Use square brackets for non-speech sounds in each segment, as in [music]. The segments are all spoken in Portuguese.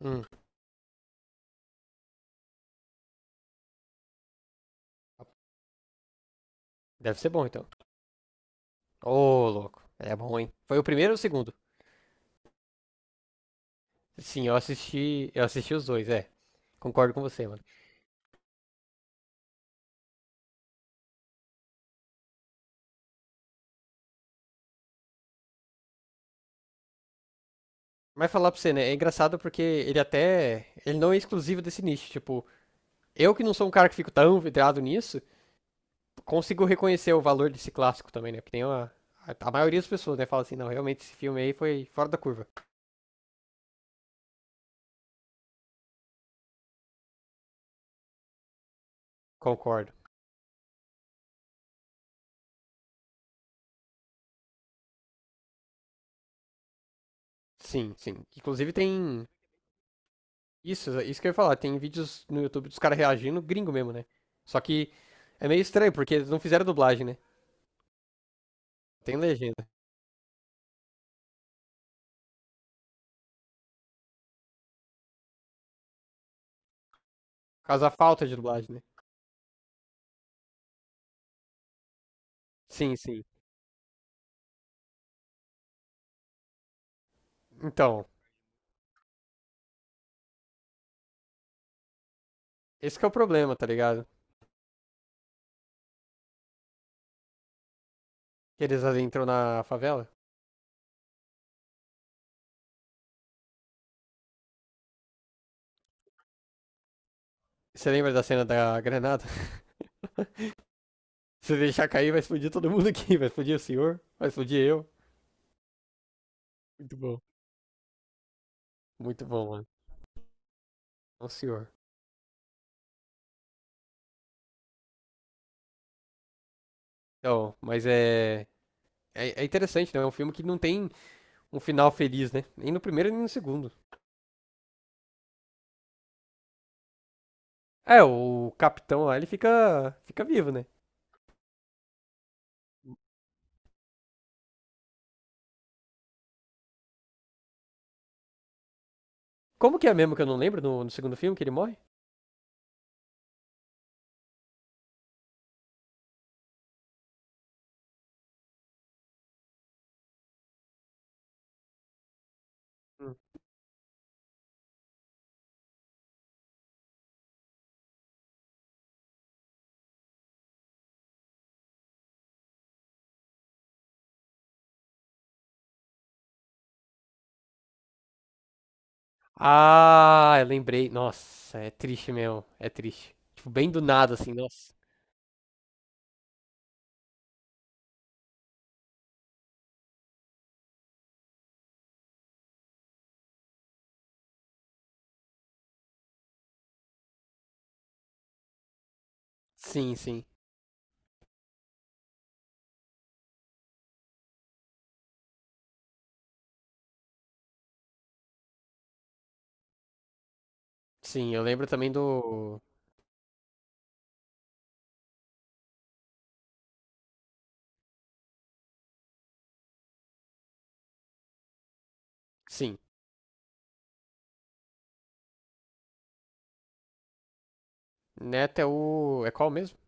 Hum, deve ser bom então. Ô, louco. É bom, hein? Foi o primeiro ou o segundo? Sim, eu assisti os dois, é. Concordo com você, mano. Mas falar pra você, né? É engraçado porque ele até. Ele não é exclusivo desse nicho. Tipo, eu que não sou um cara que fico tão vidrado nisso, consigo reconhecer o valor desse clássico também, né? Porque tem uma. A maioria das pessoas, né, fala assim, não, realmente esse filme aí foi fora da curva. Concordo. Sim, sim. Inclusive tem isso, isso que eu ia falar. Tem vídeos no YouTube dos caras reagindo, gringo mesmo, né? Só que é meio estranho, porque eles não fizeram dublagem, né? Tem legenda. Por causa da falta de dublagem, né? Sim, sim. Então, esse que é o problema, tá ligado? Que eles entram na favela. Você lembra da cena da granada? [laughs] Se deixar cair, vai explodir todo mundo aqui. Vai explodir o senhor, vai explodir eu. Muito bom. Muito bom, mano. É um senhor. Então, mas é interessante, né? É um filme que não tem um final feliz, né? Nem no primeiro, nem no segundo. É, o capitão lá, ele fica vivo, né? Como que é mesmo que eu não lembro no segundo filme que ele morre? Hum. Ah, eu lembrei. Nossa, é triste mesmo. É triste. Tipo, bem do nada, assim, nossa. Sim, sim. Sim, eu lembro também do. Sim. Neto é o. É qual mesmo?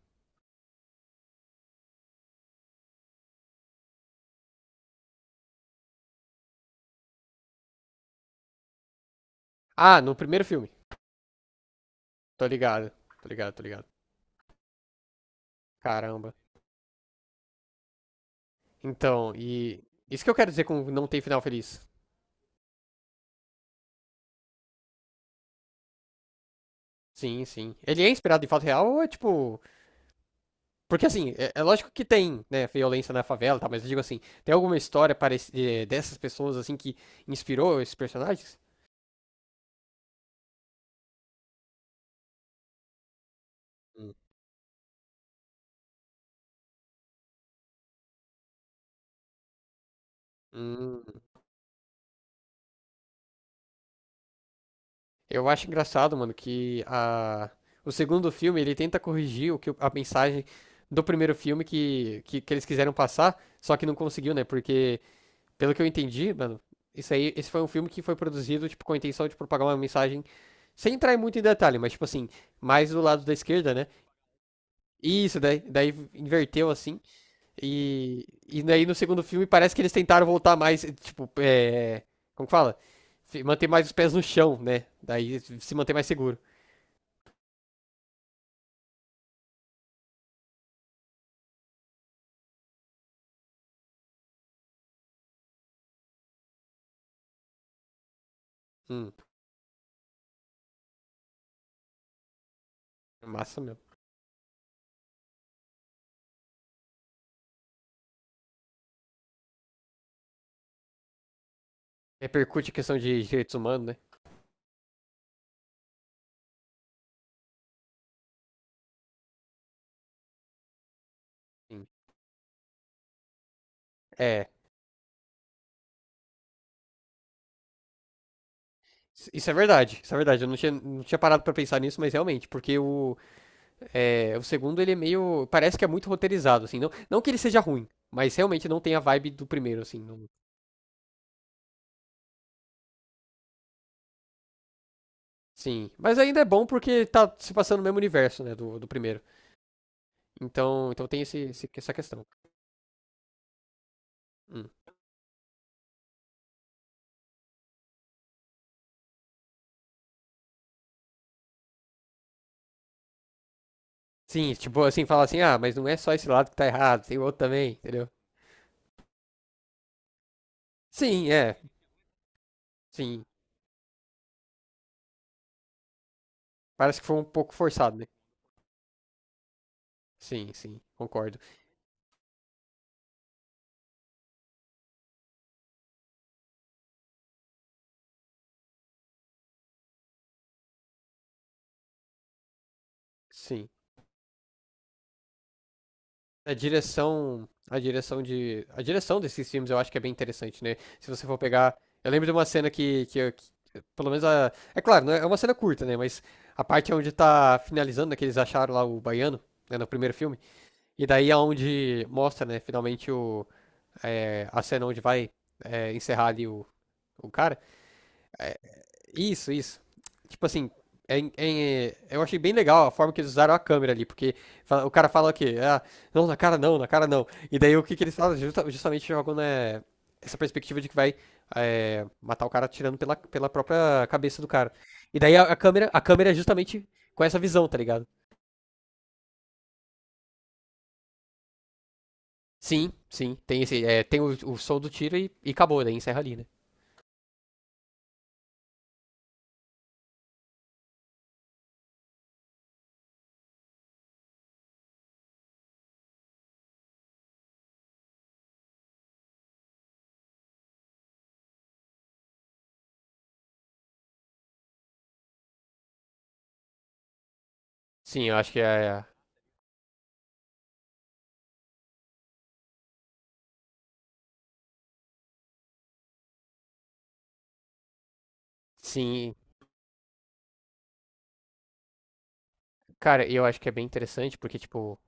Ah, no primeiro filme. Tô ligado. Tô ligado. Caramba. Então, e. Isso que eu quero dizer com não tem final feliz. Sim, sim. Ele é inspirado em fato real ou é tipo. Porque assim, é, é lógico que tem, né, violência na favela, tá? Mas eu digo assim, tem alguma história dessas pessoas assim que inspirou esses personagens? Hum. Hum. Eu acho engraçado, mano, que a... o segundo filme ele tenta corrigir o a mensagem do primeiro filme que eles quiseram passar, só que não conseguiu, né? Porque, pelo que eu entendi, mano, isso aí, esse foi um filme que foi produzido, tipo, com a intenção de propagar uma mensagem, sem entrar muito em detalhe, mas, tipo assim, mais do lado da esquerda, né? E isso, daí inverteu assim. E daí no segundo filme parece que eles tentaram voltar mais, tipo, é, como que fala? Manter mais os pés no chão, né? Daí se manter mais seguro. Hum, massa mesmo. Repercute a questão de direitos humanos, né? Sim. É, isso é verdade, isso é verdade. Eu não tinha parado pra pensar nisso, mas realmente, porque o segundo ele é meio, parece que é muito roteirizado, assim. Não, não que ele seja ruim, mas realmente não tem a vibe do primeiro, assim. Sim, mas ainda é bom porque tá se passando no mesmo universo, né, do primeiro. Então, então tem essa questão. Hum. Sim, tipo assim, fala assim, ah, mas não é só esse lado que tá errado, tem o outro também, entendeu? Sim, é, sim. Parece que foi um pouco forçado, né? Sim, sim, concordo. Sim. A direção desses filmes eu acho que é bem interessante, né? Se você for pegar, eu lembro de uma cena que pelo menos a, é claro, não é é uma cena curta, né? Mas a parte onde tá finalizando, né, que eles acharam lá o baiano, né, no primeiro filme, e daí é onde mostra, né, finalmente a cena onde vai encerrar ali o cara. É, isso, isso. Tipo assim, eu achei bem legal a forma que eles usaram a câmera ali, porque o cara fala o quê? Ah, não, na cara não, na cara não. E daí o que, que eles falam? Justamente jogam né, essa perspectiva de que vai matar o cara atirando pela, pela própria cabeça do cara. E daí a câmera, a câmera é justamente com essa visão, tá ligado? Sim, sim, tem esse, é, tem o som do tiro e acabou, daí encerra ali, né? Sim, eu acho que é, sim. Cara, eu acho que é bem interessante porque, tipo,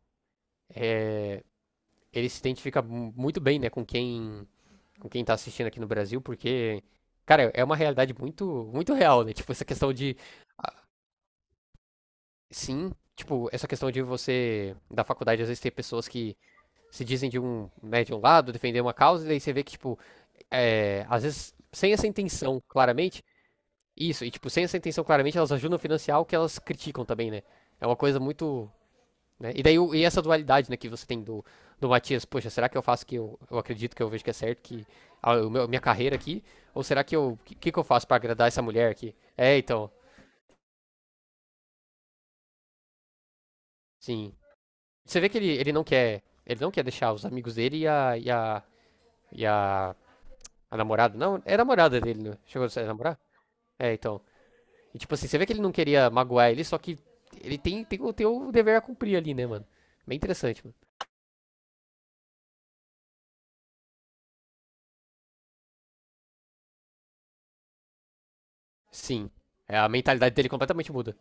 é, ele se identifica muito bem, né, com quem tá assistindo aqui no Brasil, porque, cara, é uma realidade muito, muito real, né? Tipo, essa questão de, ah, sim, tipo, essa questão de você, da faculdade, às vezes tem pessoas que se dizem de um, né, de um lado, defender uma causa, e daí você vê que, tipo, é, às vezes, sem essa intenção, claramente, isso, e, tipo, sem essa intenção, claramente, elas ajudam a financiar o que elas criticam também, né? É uma coisa muito. Né? E daí e essa dualidade né, que você tem do Matias, poxa, será que eu faço que eu acredito que eu vejo que é certo, que minha carreira aqui, ou será que eu, que eu faço para agradar essa mulher aqui? É, então, sim. Você vê que ele, ele não quer deixar os amigos dele e e a, a namorada, não, é a namorada dele, né? Chegou a namorar? É, então. E tipo assim, você vê que ele não queria magoar ele, só que ele tem, tem, tem o dever a cumprir ali, né, mano? Bem interessante, mano. Sim. É, a mentalidade dele completamente muda.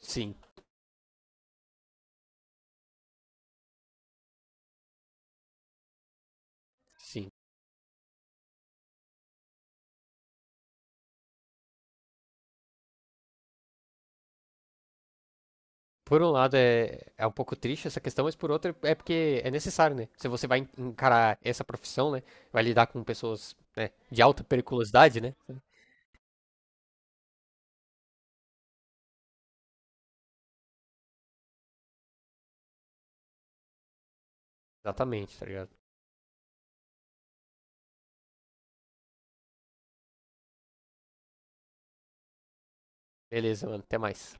Sim, sim. Por um lado é, é um pouco triste essa questão, mas por outro é porque é necessário, né? Se você vai encarar essa profissão, né? Vai lidar com pessoas, né, de alta periculosidade, né? Exatamente, tá ligado? Beleza, mano, até mais.